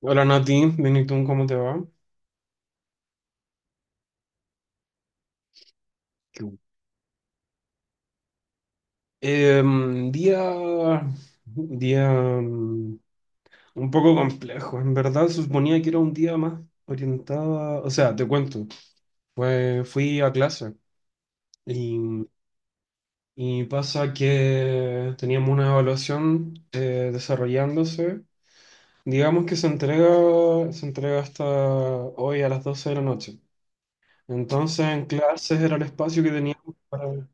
Hola Nati, Benetton, ¿cómo te va? Qué bu- Em, día, día mm, un poco complejo, en verdad suponía que era un día más o sea, te cuento, fui a clase y, y pasa que teníamos una evaluación desarrollándose. Digamos que se entrega hasta hoy a las 12 de la noche, entonces en clases era el espacio que teníamos para...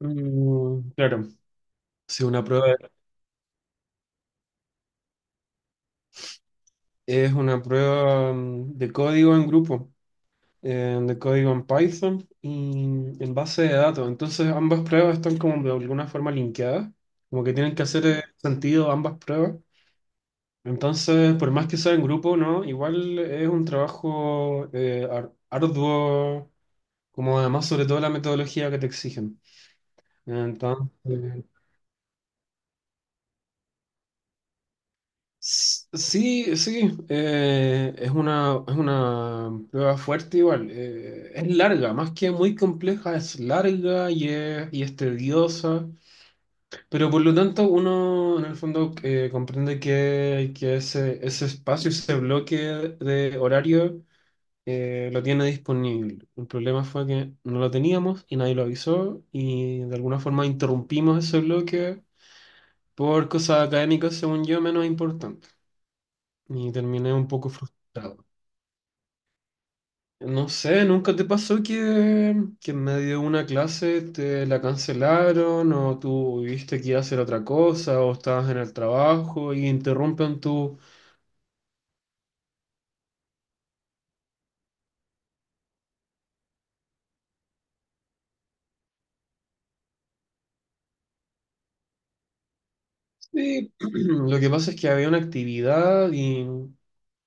Mm, claro. Sí, una prueba es una prueba, de código en grupo, de código en Python y en base de datos. Entonces ambas pruebas están como de alguna forma linkeadas, como que tienen que hacer sentido ambas pruebas. Entonces, por más que sea en grupo, ¿no? Igual es un trabajo arduo, como además sobre todo la metodología que te exigen. Entonces, sí, sí, es una prueba fuerte igual. Es larga, más que muy compleja, es larga y es tediosa, pero por lo tanto uno en el fondo comprende que ese espacio, ese bloque de horario lo tiene disponible. El problema fue que no lo teníamos y nadie lo avisó, y de alguna forma interrumpimos ese bloque por cosas académicas, según yo, menos importantes, y terminé un poco frustrado. No sé, ¿nunca te pasó que en medio de una clase te la cancelaron, o tú viste que ibas a hacer otra cosa, o estabas en el trabajo y interrumpen tu... Sí, lo que pasa es que había una actividad y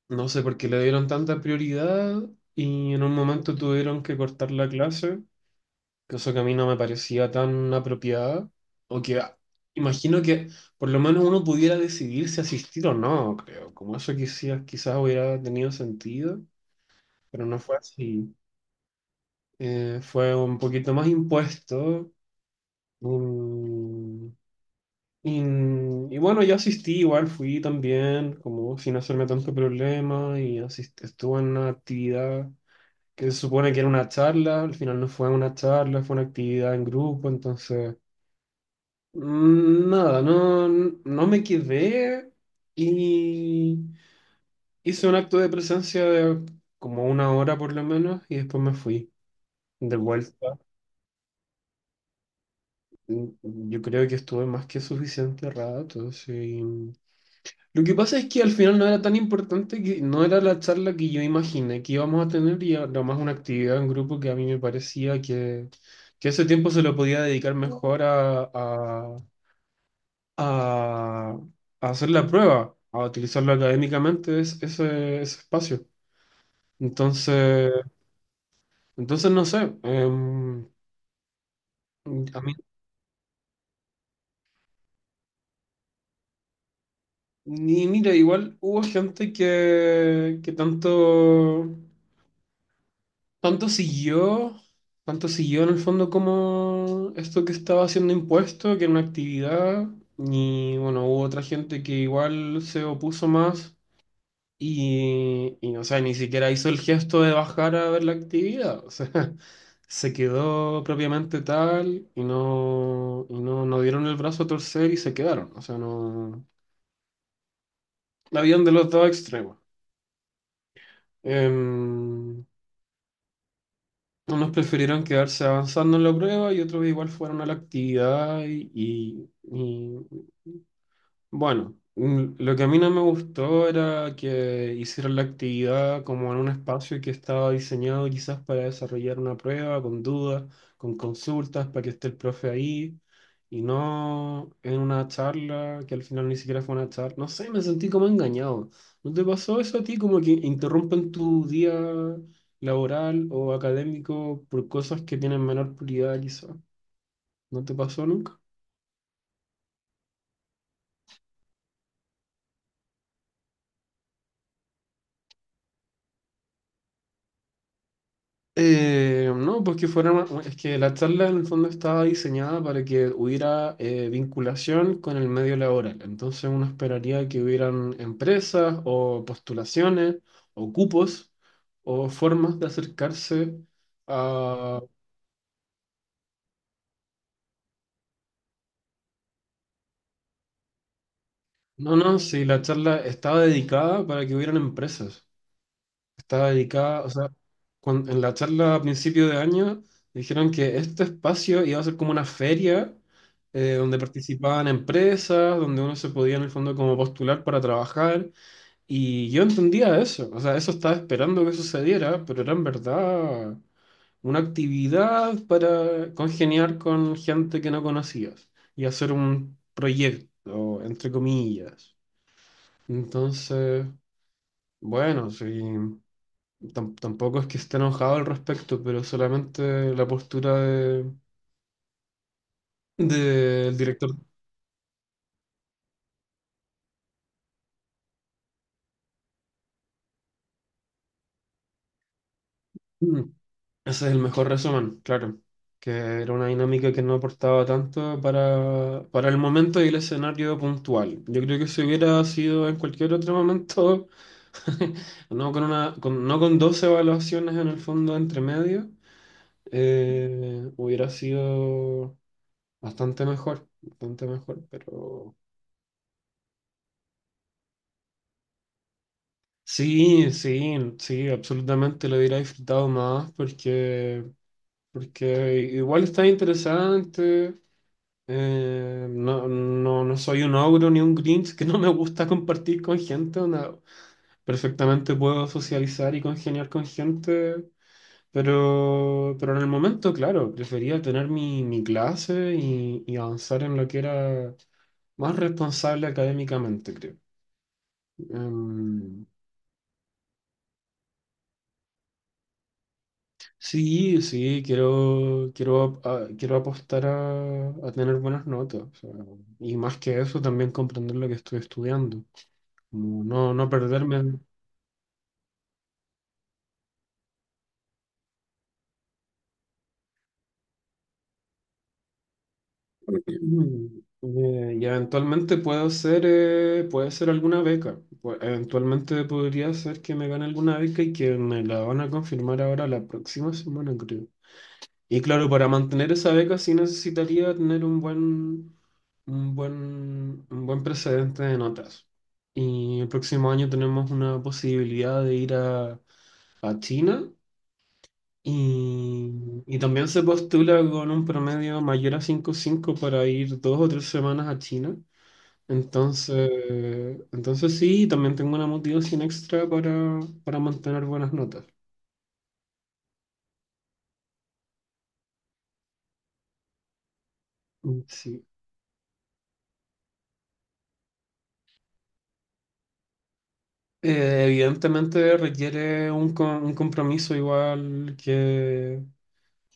no sé por qué le dieron tanta prioridad, y en un momento tuvieron que cortar la clase, cosa que a mí no me parecía tan apropiada, o que imagino que por lo menos uno pudiera decidir si asistir o no, creo, como eso quizás, quizás hubiera tenido sentido, pero no fue así. Fue un poquito más impuesto. mm, y, y bueno, yo asistí, igual fui también, como sin hacerme tanto problema, y estuve en una actividad que se supone que era una charla, al final no fue una charla, fue una actividad en grupo, entonces... Nada, no, no me quedé y hice un acto de presencia de como una hora por lo menos, y después me fui de vuelta. Mm, Yo creo que estuve más que suficiente rato, sí. Lo que pasa es que al final no era tan importante, que no era la charla que yo imaginé que íbamos a tener, y era más una actividad en grupo que a mí me parecía que ese tiempo se lo podía dedicar mejor a a, a hacer la prueba, a utilizarlo académicamente ese espacio. Entonces, no sé. Em, a mí, ni, mira, igual hubo gente que, que tanto, tanto siguió, tanto siguió en el fondo como esto que estaba haciendo impuesto, que era una actividad. Y bueno, hubo otra gente que igual se opuso más. Y no sé, ni siquiera hizo el gesto de bajar a ver la actividad. O sea, se quedó propiamente tal y no, no dieron el brazo a torcer y se quedaron. O sea, no. Habían de los dos extremos. Em, Unos prefirieron quedarse avanzando en la prueba y otros igual fueron a la actividad, y, bueno, lo que a mí no me gustó era que hicieran la actividad como en un espacio que estaba diseñado quizás para desarrollar una prueba, con dudas, con consultas, para que esté el profe ahí, y no en una charla que al final ni siquiera fue una charla. No sé, me sentí como engañado. ¿No te pasó eso a ti? Como que interrumpen tu día laboral o académico por cosas que tienen menor prioridad, quizás. ¿No te pasó nunca? No, pues que fuera, es que la charla en el fondo estaba diseñada para que hubiera vinculación con el medio laboral. Entonces uno esperaría que hubieran empresas, o postulaciones, o cupos, o formas de acercarse a... No, no, sí, la charla estaba dedicada para que hubieran empresas. Estaba dedicada, o sea, en la charla a principio de año dijeron que este espacio iba a ser como una feria, donde participaban empresas, donde uno se podía en el fondo como postular para trabajar, y yo entendía eso, o sea, eso estaba esperando que sucediera, pero era en verdad una actividad para congeniar con gente que no conocías y hacer un proyecto, entre comillas. Entonces, bueno, sí, tampoco es que esté enojado al respecto, pero solamente la postura del director. Mm, Ese es el mejor resumen, claro. Que era una dinámica que no aportaba tanto para el momento y el escenario puntual. Yo creo que si hubiera sido en cualquier otro momento, no con una, no con dos evaluaciones en el fondo entre medio, hubiera sido bastante mejor, pero. Sí, sí, sí, absolutamente lo hubiera disfrutado más, porque igual está interesante. No, no, no soy un ogro ni un Grinch, que no me gusta compartir con gente. Onda, perfectamente puedo socializar y congeniar con gente, pero en el momento, claro, prefería tener mi clase y avanzar en lo que era más responsable académicamente, creo. Em, Sí, sí, quiero apostar a tener buenas notas. O sea, y más que eso, también comprender lo que estoy estudiando. Como no, no perderme. Eventualmente puede ser alguna beca. Eventualmente podría ser que me gane alguna beca, y que me la van a confirmar ahora la próxima semana, creo. Y claro, para mantener esa beca sí necesitaría tener un buen, un buen precedente de notas. Y el próximo año tenemos una posibilidad de ir a, China, y también se postula con un promedio mayor a 5,5 para ir 2 o 3 semanas a China. Entonces, sí, también tengo una motivación extra para mantener buenas notas. Sí. Evidentemente requiere un compromiso igual que,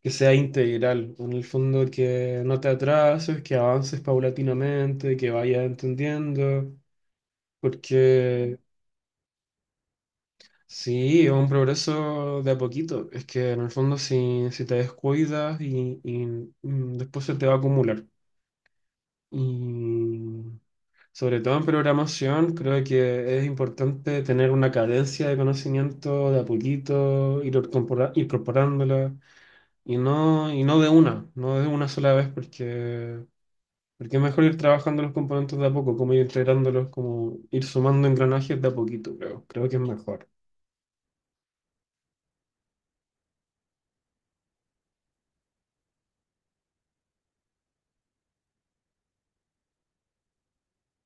que sea integral, en el fondo que no te atrases, que avances paulatinamente, que vayas entendiendo, porque sí, es un progreso de a poquito, es que en el fondo si te descuidas después se te va a acumular. Y, Sobre todo en programación, creo que es importante tener una cadencia de conocimiento de a poquito, ir incorporándola, y no, de una, no de una sola vez, porque es mejor ir trabajando los componentes de a poco, como ir integrándolos, como ir sumando engranajes de a poquito, creo, que es mejor.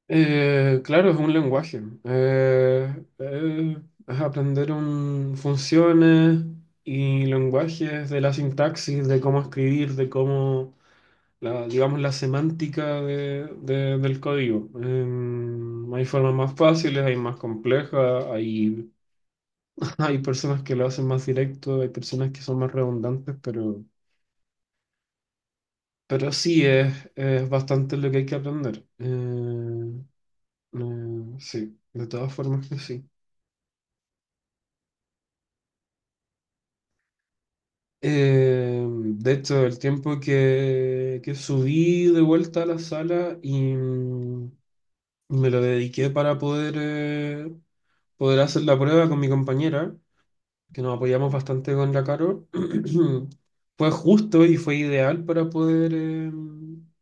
Claro, es un lenguaje. Es aprender un, funciones y lenguajes, de la sintaxis, de cómo escribir, de cómo la, digamos, la semántica del código. Hay formas más fáciles, hay más complejas, hay, hay personas que lo hacen más directo, hay personas que son más redundantes, pero sí es bastante lo que hay que aprender. Sí, de todas formas que sí. De hecho, el tiempo que subí de vuelta a la sala me lo dediqué para poder hacer la prueba con mi compañera. Que nos apoyamos bastante con la Carol. Fue justo y fue ideal para poder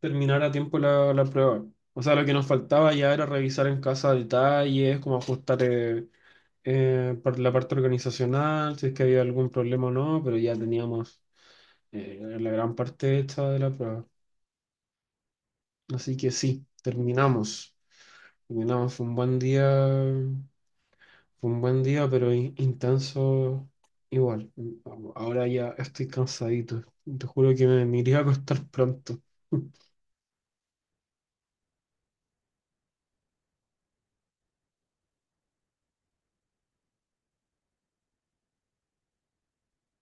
terminar a tiempo la prueba. O sea, lo que nos faltaba ya era revisar en casa detalles, como ajustar la parte organizacional, si es que había algún problema o no, pero ya teníamos la gran parte hecha de la prueba. Así que sí, terminamos. Terminamos, fue un buen día. Fue un buen día, pero intenso, igual. Ahora ya estoy cansadito. Te juro que me iría a acostar pronto.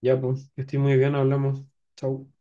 Ya, pues, que estoy muy bien, hablamos. Chau.